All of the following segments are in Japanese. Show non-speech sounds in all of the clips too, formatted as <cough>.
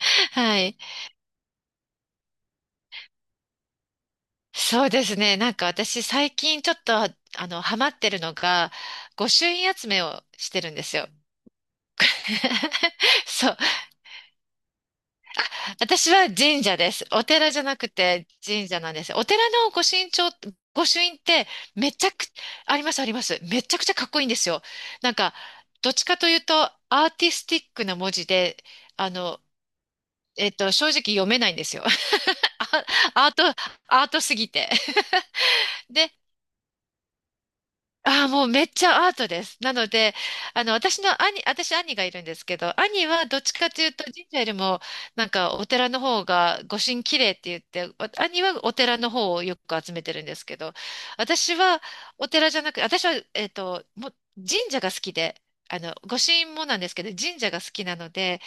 <laughs> はい。そうですね。私最近ちょっと、ハマってるのが、御朱印集めをしてるんですよ。<laughs> そう。私は神社です。お寺じゃなくて神社なんです。お寺の御朱印帳、御朱印ってめちゃく、ありますあります。めちゃくちゃかっこいいんですよ。なんか、どっちかというとアーティスティックな文字で、あの、正直読めないんですよ。<laughs> あアート、アートすぎて。<laughs> で、ああ、もうめっちゃアートです。なので、あの、私兄がいるんですけど、兄はどっちかというと神社よりも、なんかお寺の方が御神綺麗って言って、兄はお寺の方をよく集めてるんですけど、私はお寺じゃなく、私は、もう神社が好きで、あの、御神もなんですけど、神社が好きなので、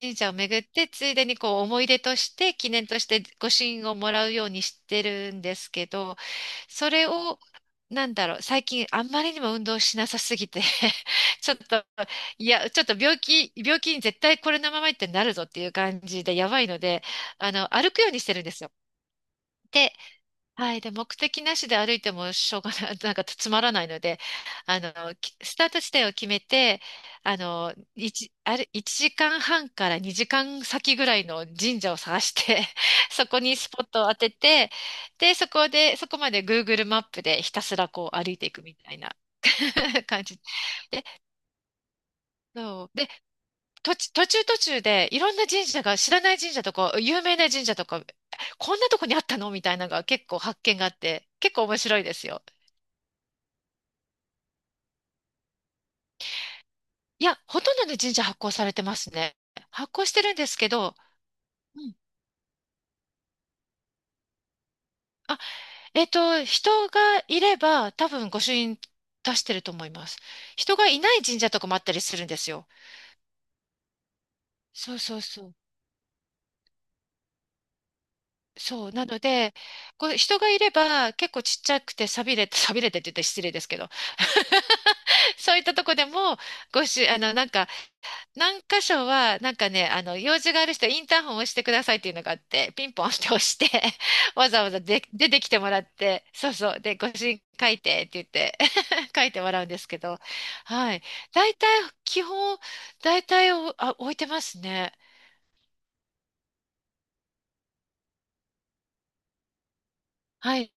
神社を巡って、ついでにこう思い出として、記念として御神をもらうようにしてるんですけど、それを、なんだろう、最近あんまりにも運動しなさすぎて <laughs> ちょっと、いや、ちょっと病気、病気に絶対これのままいってなるぞっていう感じでやばいので、あの、歩くようにしてるんですよ。ではい。で、目的なしで歩いてもしょうがない、<laughs> なんかつまらないので、スタート地点を決めて、あの、一あれ、1時間半から2時間先ぐらいの神社を探して、<laughs> そこにスポットを当てて、で、そこで、そこまで Google マップでひたすらこう歩いていくみたいな <laughs> 感じ。そう。で、途中でいろんな神社が、知らない神社とか、有名な神社とか、こんなとこにあったのみたいなのが結構発見があって、結構面白いですよ。いや、ほとんどの神社発行されてますね。発行してるんですけど、うん。あ、人がいれば多分御朱印出してると思います。人がいない神社とかもあったりするんですよ。そうそうそう。そう。なので、こう人がいれば結構ちっちゃくて寂れてって言って失礼ですけど、<laughs> そういったとこでも、ご朱あの、なんか、何箇所は、なんかね、あの、用事がある人はインターホンを押してくださいっていうのがあって、ピンポンって押して、<laughs> わざわざで出てきてもらって、そうそう、で、ご主人書いてって言って <laughs> 書いてもらうんですけど、はい。大体、基本、大体置いてますね。はい。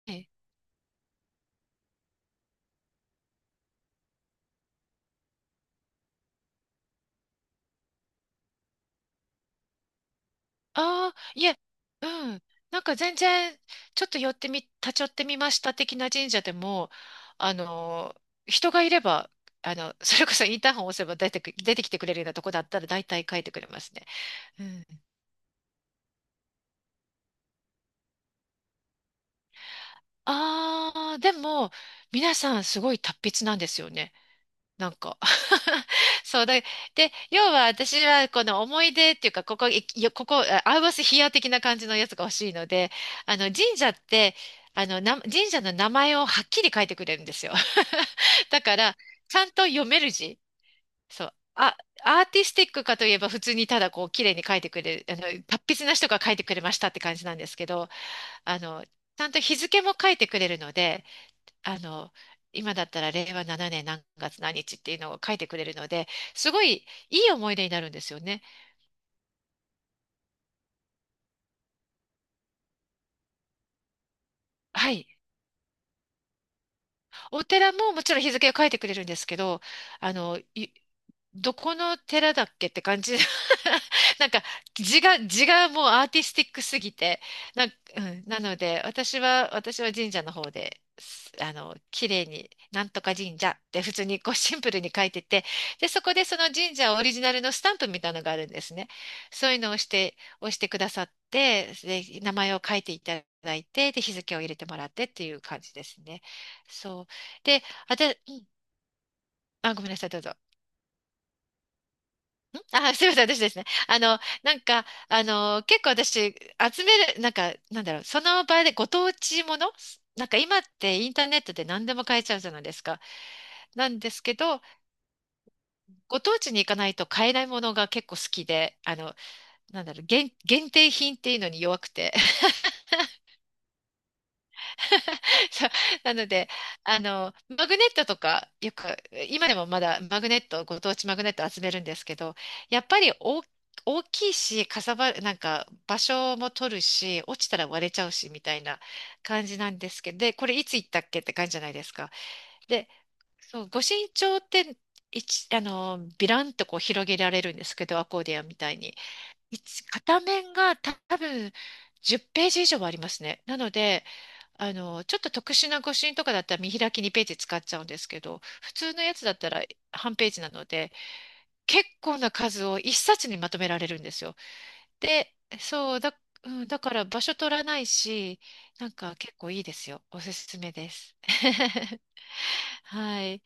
ああ、いえ、うん。全然、ちょっと寄ってみ、立ち寄ってみました的な神社でも、あの人がいれば、あの、それこそインターホン押せば出てきてくれるようなとこだったら大体書いてくれますね。うん。ああ、でも、皆さんすごい達筆なんですよね。なんか <laughs> そうだ。で、要は私はこの思い出っていうか、ここ、いいやここ、あアウバスヒア的な感じのやつが欲しいので、あの、神社って、あの、な、神社の名前をはっきり書いてくれるんですよ。<laughs> だから、ちゃんと読める字。そう。あ、アーティスティックかといえば普通にただこう綺麗に書いてくれる、あの、達筆な人が書いてくれましたって感じなんですけど、あの、ちゃんと日付も書いてくれるので、あの、今だったら令和7年何月何日っていうのを書いてくれるので、すごいいい思い出になるんですよね。はい。お寺ももちろん日付を書いてくれるんですけど、あの、いどこの寺だっけって感じ。<laughs> なんか字がもうアーティスティックすぎて。なん、うんなので、私は神社の方で、すあの、綺麗に、なんとか神社って普通にこうシンプルに書いてて、で、そこでその神社オリジナルのスタンプみたいなのがあるんですね。そういうのを押してくださって、で、名前を書いていただいて、で、日付を入れてもらってっていう感じですね。そう。で、あ、で、うんあ、ごめんなさい、どうぞ。あ、すみません、私ですね。結構私、集める、なんか、なんだろう、その場でご当地もの、なんか今ってインターネットで何でも買えちゃうじゃないですか。なんですけど、ご当地に行かないと買えないものが結構好きで、あの、なんだろう、限定品っていうのに弱くて。そうなので、あの、マグネットとか、よく、今でもまだマグネット、ご当地マグネット集めるんですけど、やっぱり大、大きいし、かさばる、なんか場所も取るし、落ちたら割れちゃうし、みたいな感じなんですけど、で、これいつ行ったっけって感じじゃないですか。で、そう、ご身長って、一、あの、ビランとこう広げられるんですけど、アコーディアンみたいに。一片面が多分10ページ以上はありますね。なので、あの、ちょっと特殊な誤診とかだったら見開き2ページ使っちゃうんですけど、普通のやつだったら半ページなので、結構な数を一冊にまとめられるんですよ。で、そうだ、うん、だから場所取らないし、なんか結構いいですよ。おすすめです。<laughs> はい。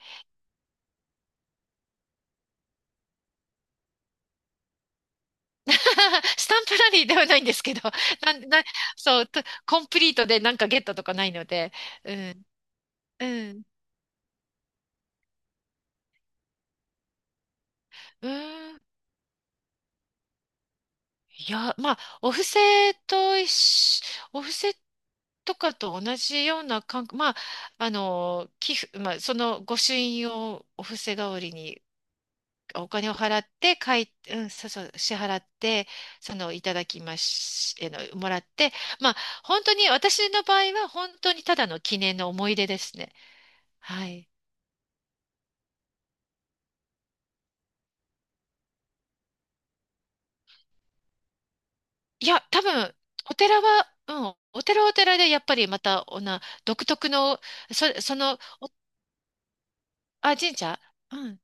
<laughs> スタンプラリーではないんですけど、なん、な、そう、とコンプリートでなんかゲットとかないので、うん、うん、うん。いや、まあ、と一緒、お布施とかと同じような感覚、まあ、あの、寄付、まあ、その御朱印をお布施代わりにお金を払って、かい、うん、そうそう、支払って、その、いただきまし、えの、もらって、まあ、本当に、私の場合は本当にただの記念の思い出ですね。はい。いや、多分、お寺はお寺でやっぱりまた、独特の、そ、その、あ、神社うん。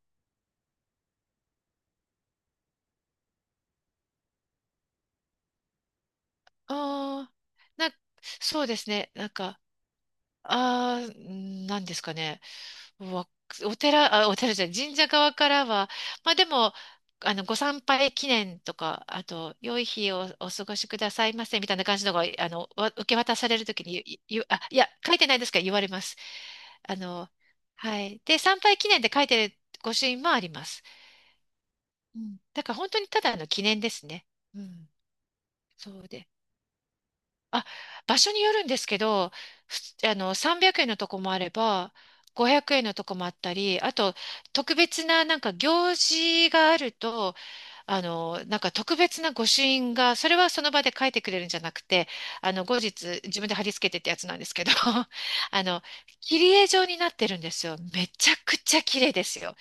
ああ、な、そうですね。なんですかね。わ、お寺、あ、お寺じゃない、神社側からは、まあでも、あの、ご参拝記念とか、あと、良い日をお過ごしくださいませ、みたいな感じのが、あの、受け渡されるときに、いいあ、いや、書いてないですけど、言われます。あの、はい。で、参拝記念で書いてる御朱印もあります。うん。だから本当にただの記念ですね。うん。そうです。あ、場所によるんですけど、ふつあの、300円のとこもあれば、500円のとこもあったり、あと、特別な、なんか、行事があると、あの、なんか、特別な御朱印が、それはその場で書いてくれるんじゃなくて、あの、後日、自分で貼り付けてってやつなんですけど、<laughs> あの、切り絵状になってるんですよ。めちゃくちゃ綺麗ですよ。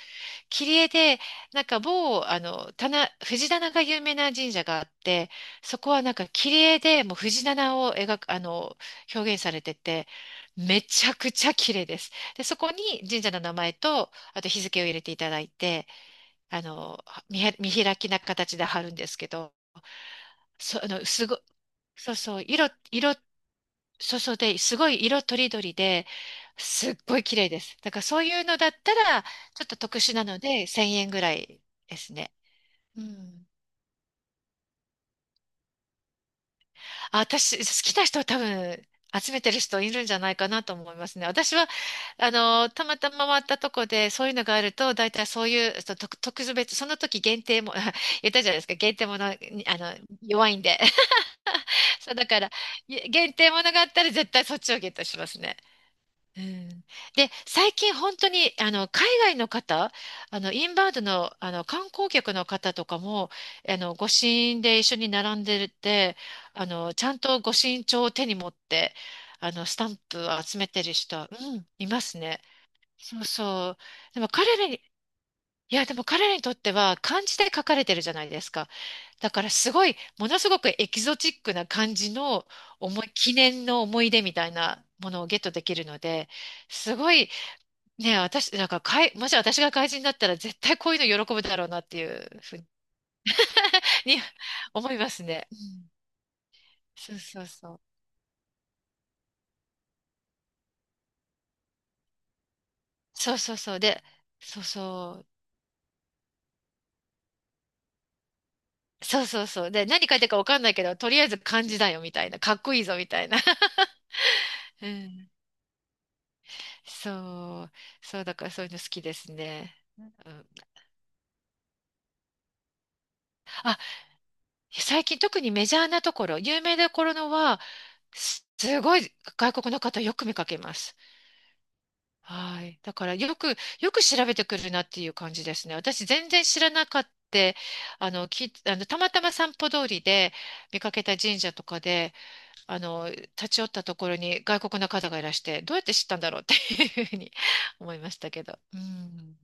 切り絵で、なんか某、藤棚が有名な神社があって、そこはなんか切り絵でもう藤棚を描く、表現されてて、めちゃくちゃ綺麗です。で、そこに神社の名前と、あと日付を入れていただいて、あの、見開きな形で貼るんですけど、そ、あの、すご、そうそう、色、そうそうで、すごい色とりどりで、すっごい綺麗です。だからそういうのだったら、ちょっと特殊なので、1000円ぐらいですね。うん。あ、私、好きな人は多分、集めてる人いるんじゃないかなと思いますね。私は、たまたま回ったとこで、そういうのがあると、大体そういう、特別、その時限定も、<laughs> 言ったじゃないですか、限定もの、に弱いんで。<laughs> そう、だから、限定ものがあったら、絶対そっちをゲットしますね。うん。で、最近本当に海外の方、インバウンドの、観光客の方とかも、御朱印で一緒に並んでて、ちゃんと御朱印帳を手に持って、スタンプを集めてる人は、うん、いますね。そうそう。でも彼らに、いや、でも彼らにとっては漢字で書かれてるじゃないですか。だからすごい、ものすごくエキゾチックな感じの記念の思い出みたいなものをゲットできるので、すごい、ねえ、私、もし私が怪人だったら絶対こういうの喜ぶだろうなっていうふうに <laughs> 思いますね。うん。そうそうそう。そうそうそう。で、そうそう。そうそうそう。で、何書いてるかわかんないけど、とりあえず漢字だよみたいな。かっこいいぞみたいな。<laughs> うん。そう。そう、だからそういうの好きですね。うん。あ、最近特にメジャーなところ、有名なところのは、すごい外国の方よく見かけます。はい。だからよく、よく調べてくるなっていう感じですね。私全然知らなかった。あの、き、あの、たまたま散歩通りで見かけた神社とかで、立ち寄ったところに外国の方がいらして、どうやって知ったんだろうっていうふうに思いましたけど。うん。